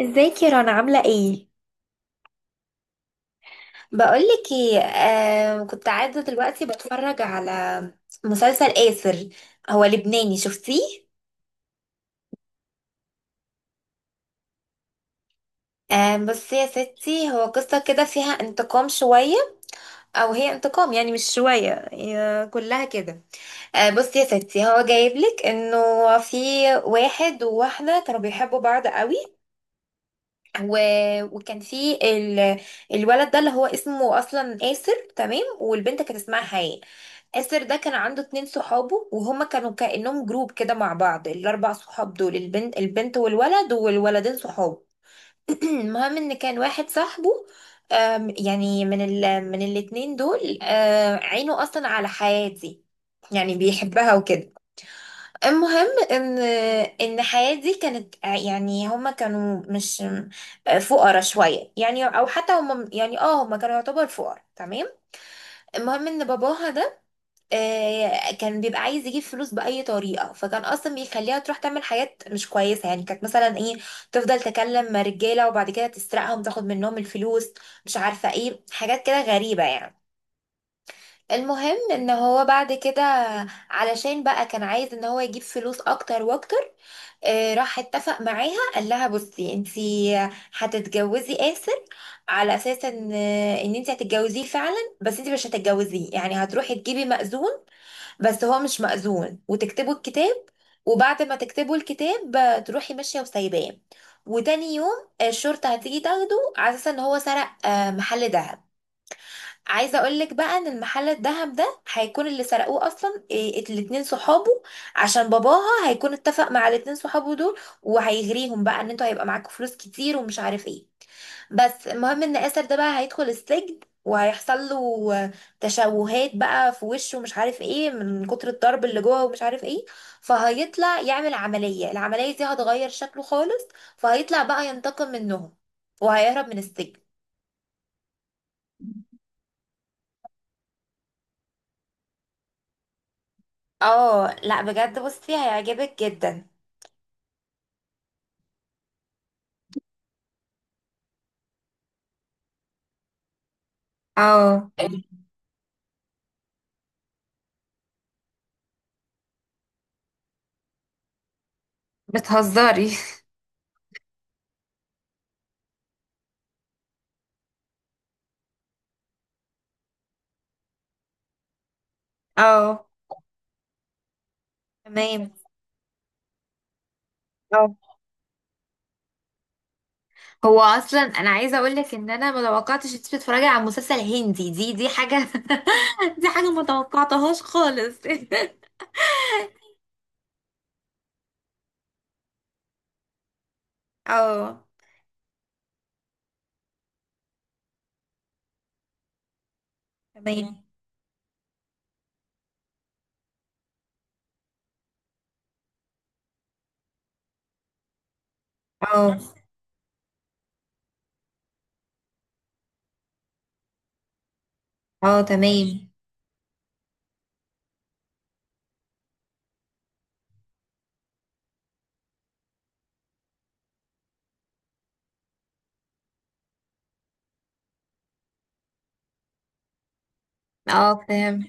ازيك يا رنا عاملة ايه؟ بقولك ايه، كنت قاعدة دلوقتي بتفرج على مسلسل آسر. هو لبناني شفتيه؟ بس يا ستي هو قصة كده فيها انتقام شوية، او هي انتقام، يعني مش شوية، هي كلها كده. بصي يا ستي، هو جايبلك انه في واحد وواحدة كانوا بيحبوا بعض قوي و... وكان في ال... الولد ده اللي هو اسمه اصلا آسر، تمام، والبنت كانت اسمها حياء. آسر ده كان عنده اتنين صحابه، وهما كانوا كأنهم جروب كده مع بعض، الاربع صحاب دول البنت والولد والولدين صحابه. المهم ان كان واحد صاحبه، يعني من الاتنين دول، عينه اصلا على حياة دي، يعني بيحبها وكده. المهم ان الحياة دي كانت، يعني هما كانوا مش فقراء شوية يعني، او حتى هما يعني، هما كانوا يعتبر فقراء، تمام. المهم ان باباها ده كان بيبقى عايز يجيب فلوس بأي طريقة، فكان اصلا بيخليها تروح تعمل حاجات مش كويسة، يعني كانت مثلا ايه، تفضل تكلم مع رجالة وبعد كده تسرقهم تاخد منهم الفلوس، مش عارفة ايه، حاجات كده غريبة يعني. المهم ان هو بعد كده، علشان بقى كان عايز ان هو يجيب فلوس اكتر واكتر، راح اتفق معاها قال لها بصي انتي هتتجوزي آسر، على اساس ان انتي هتتجوزيه فعلا، بس انتي مش هتتجوزيه، يعني هتروحي تجيبي مأذون، بس هو مش مأذون، وتكتبوا الكتاب، وبعد ما تكتبوا الكتاب تروحي ماشية وسايباه، وتاني يوم الشرطة هتيجي تاخده على اساس ان هو سرق محل دهب. عايزه اقول لك بقى ان المحل الذهب ده هيكون اللي سرقوه اصلا إيه، الاتنين صحابه، عشان باباها هيكون اتفق مع الاتنين صحابه دول، وهيغريهم بقى ان انتوا هيبقى معاكم فلوس كتير ومش عارف ايه. بس المهم ان اسر ده بقى هيدخل السجن، وهيحصل له تشوهات بقى في وشه ومش عارف ايه، من كتر الضرب اللي جوه ومش عارف ايه. فهيطلع يعمل عملية، العملية دي هتغير شكله خالص، فهيطلع بقى ينتقم منهم، وهيهرب من السجن. اه لا، بجد بصي هيعجبك جدا. اه، بتهزري. اه، تمام، اه. هو اصلا انا عايزه اقول لك ان انا ما توقعتش انت بتتفرجي على مسلسل هندي، دي حاجه. دي حاجه ما توقعتهاش خالص. اه، تمام. اه، اه، تمام. اه، فاهم.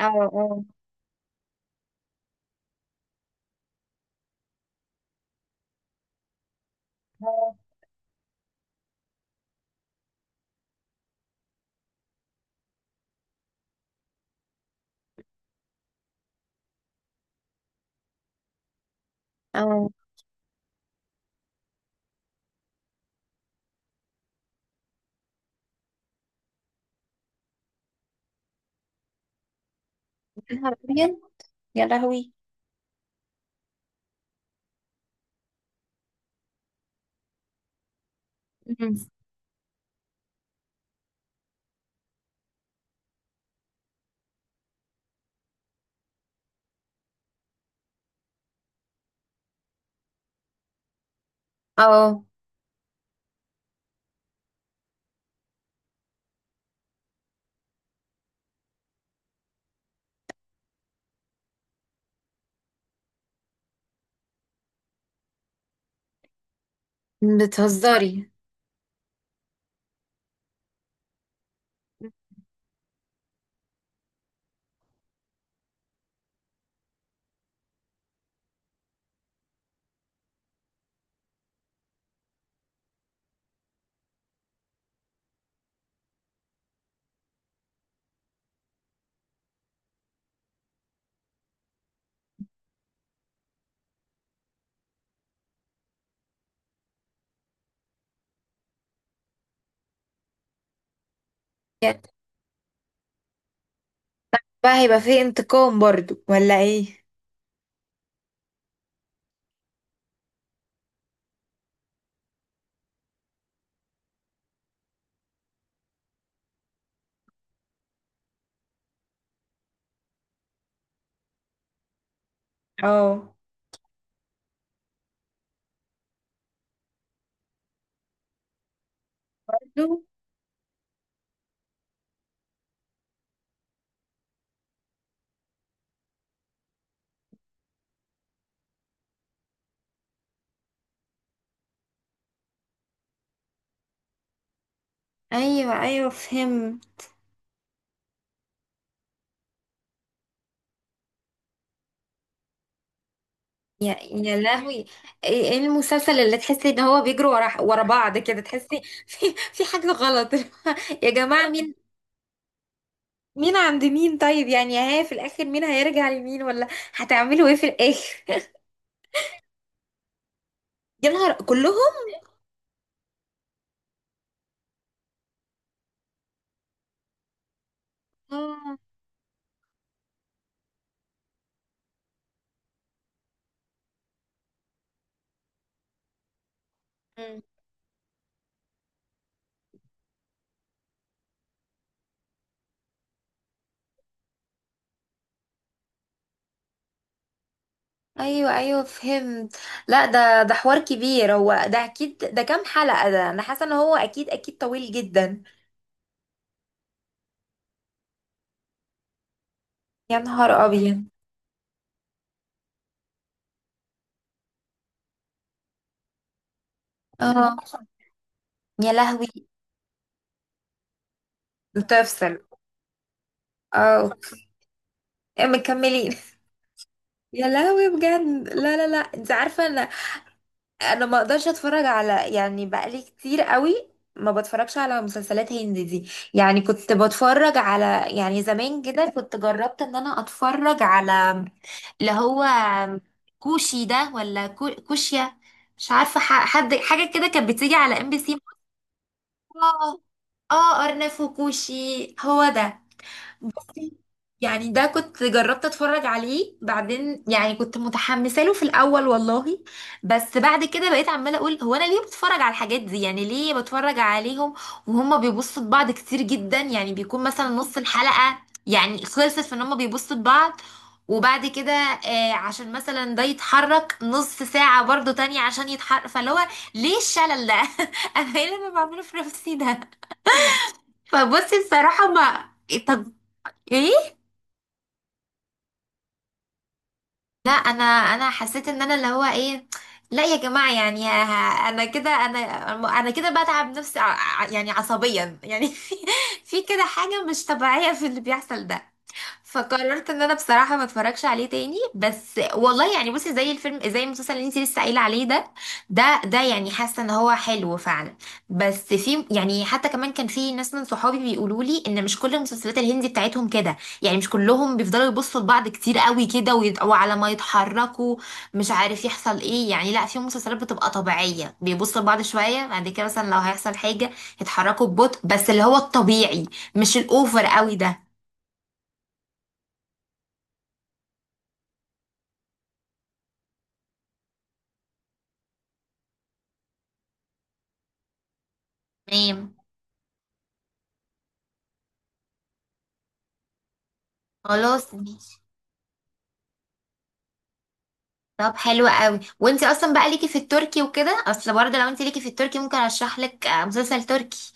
اه. اه. اه. اه. يا نهار أبيض. يا لهوي. مم. اه، بتهزري. بقى هيبقى فيه انتقام برضو ولا ايه؟ اه. ايوه، ايوه، فهم. يا لهوي، ايه؟ إيه المسلسل اللي تحسي ان هو بيجروا ورا بعض كده؟ تحسي في حاجه غلط. يا جماعه، مين مين عند مين؟ طيب يعني، ها، في الاخر مين هيرجع لمين؟ ولا هتعملوا ايه في الاخر؟ يا نهار، كلهم؟ آه. مم. ايوه، ايوه، فهمت. لا، ده حوار كبير، هو ده اكيد ده كام حلقه، ده انا حاسه ان هو اكيد اكيد طويل جدا. يا نهار ابيض. اه. يا لهوي. بتفصل. اه. مكملين. يا لهوي، بجد، لا، لا، لا، انت عارفه، انا ما اقدرش اتفرج على، يعني بقالي كتير قوي ما بتفرجش على مسلسلات هندي دي، يعني كنت بتفرج على، يعني زمان كده كنت جربت ان انا اتفرج على اللي هو كوشي ده ولا كوشيا، مش عارفه، حد حاجه كده كانت بتيجي على MBC. اه. اه، ارنب وكوشي، هو ده. يعني ده كنت جربت اتفرج عليه، بعدين يعني كنت متحمسه له في الاول والله، بس بعد كده بقيت عماله اقول هو انا ليه بتفرج على الحاجات دي؟ يعني ليه بتفرج عليهم وهما بيبصوا لبعض كتير جدا؟ يعني بيكون مثلا نص الحلقه، يعني خلصت في ان هما بيبصوا لبعض، وبعد كده عشان مثلا ده يتحرك نص ساعه برضو تانية عشان يتحرك، فاللي هو ليه الشلل ده؟ انا ايه اللي انا بعمله في نفسي ده؟ فبصي بصراحه، ما إيه، طب. ايه؟ لا، انا حسيت ان انا اللي هو ايه، لا يا جماعه، يعني انا كده، انا كده بتعب نفسي يعني عصبيا يعني. في كده حاجه مش طبيعيه في اللي بيحصل ده. فقررت ان انا بصراحه ما اتفرجش عليه تاني، بس والله يعني بصي، زي الفيلم، زي المسلسل اللي انت لسه قايله عليه ده، ده يعني حاسه ان هو حلو فعلا، بس في يعني حتى كمان كان في ناس من صحابي بيقولوا لي ان مش كل المسلسلات الهندي بتاعتهم كده، يعني مش كلهم بيفضلوا يبصوا لبعض كتير قوي كده، وعلى ما يتحركوا مش عارف يحصل ايه. يعني لا، في مسلسلات بتبقى طبيعيه، بيبصوا لبعض شويه، بعد كده مثلا لو هيحصل حاجه يتحركوا ببطء، بس اللي هو الطبيعي، مش الاوفر قوي ده. تمام. خلاص، ماشي. طب حلو قوي، وانت اصلا بقى ليكي في التركي وكده، اصل برضه لو انت ليكي في التركي ممكن ارشح لك مسلسل تركي.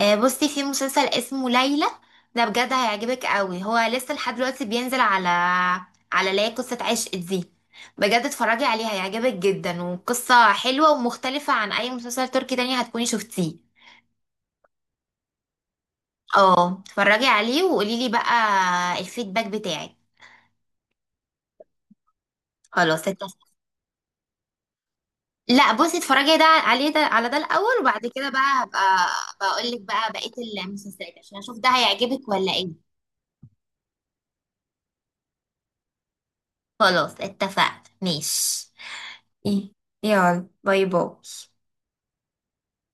بصي، في مسلسل اسمه ليلى، ده بجد هيعجبك قوي، هو لسه لحد دلوقتي بينزل على لا قصة عشق دي. بجد، اتفرجي عليه، هيعجبك جدا، وقصة حلوة ومختلفة عن اي مسلسل تركي تاني هتكوني شفتيه. اه، اتفرجي عليه وقولي لي بقى الفيدباك بتاعك. خلاص، اتفقنا. لا، بصي، اتفرجي ده عليه، ده، على ده الاول، وبعد كده بقى هبقى بقول لك بقى بقيه المسلسلات، عشان اشوف ده هيعجبك ولا ايه. خلاص، اتفقنا، ماشي. إيه، يلا، باي باي.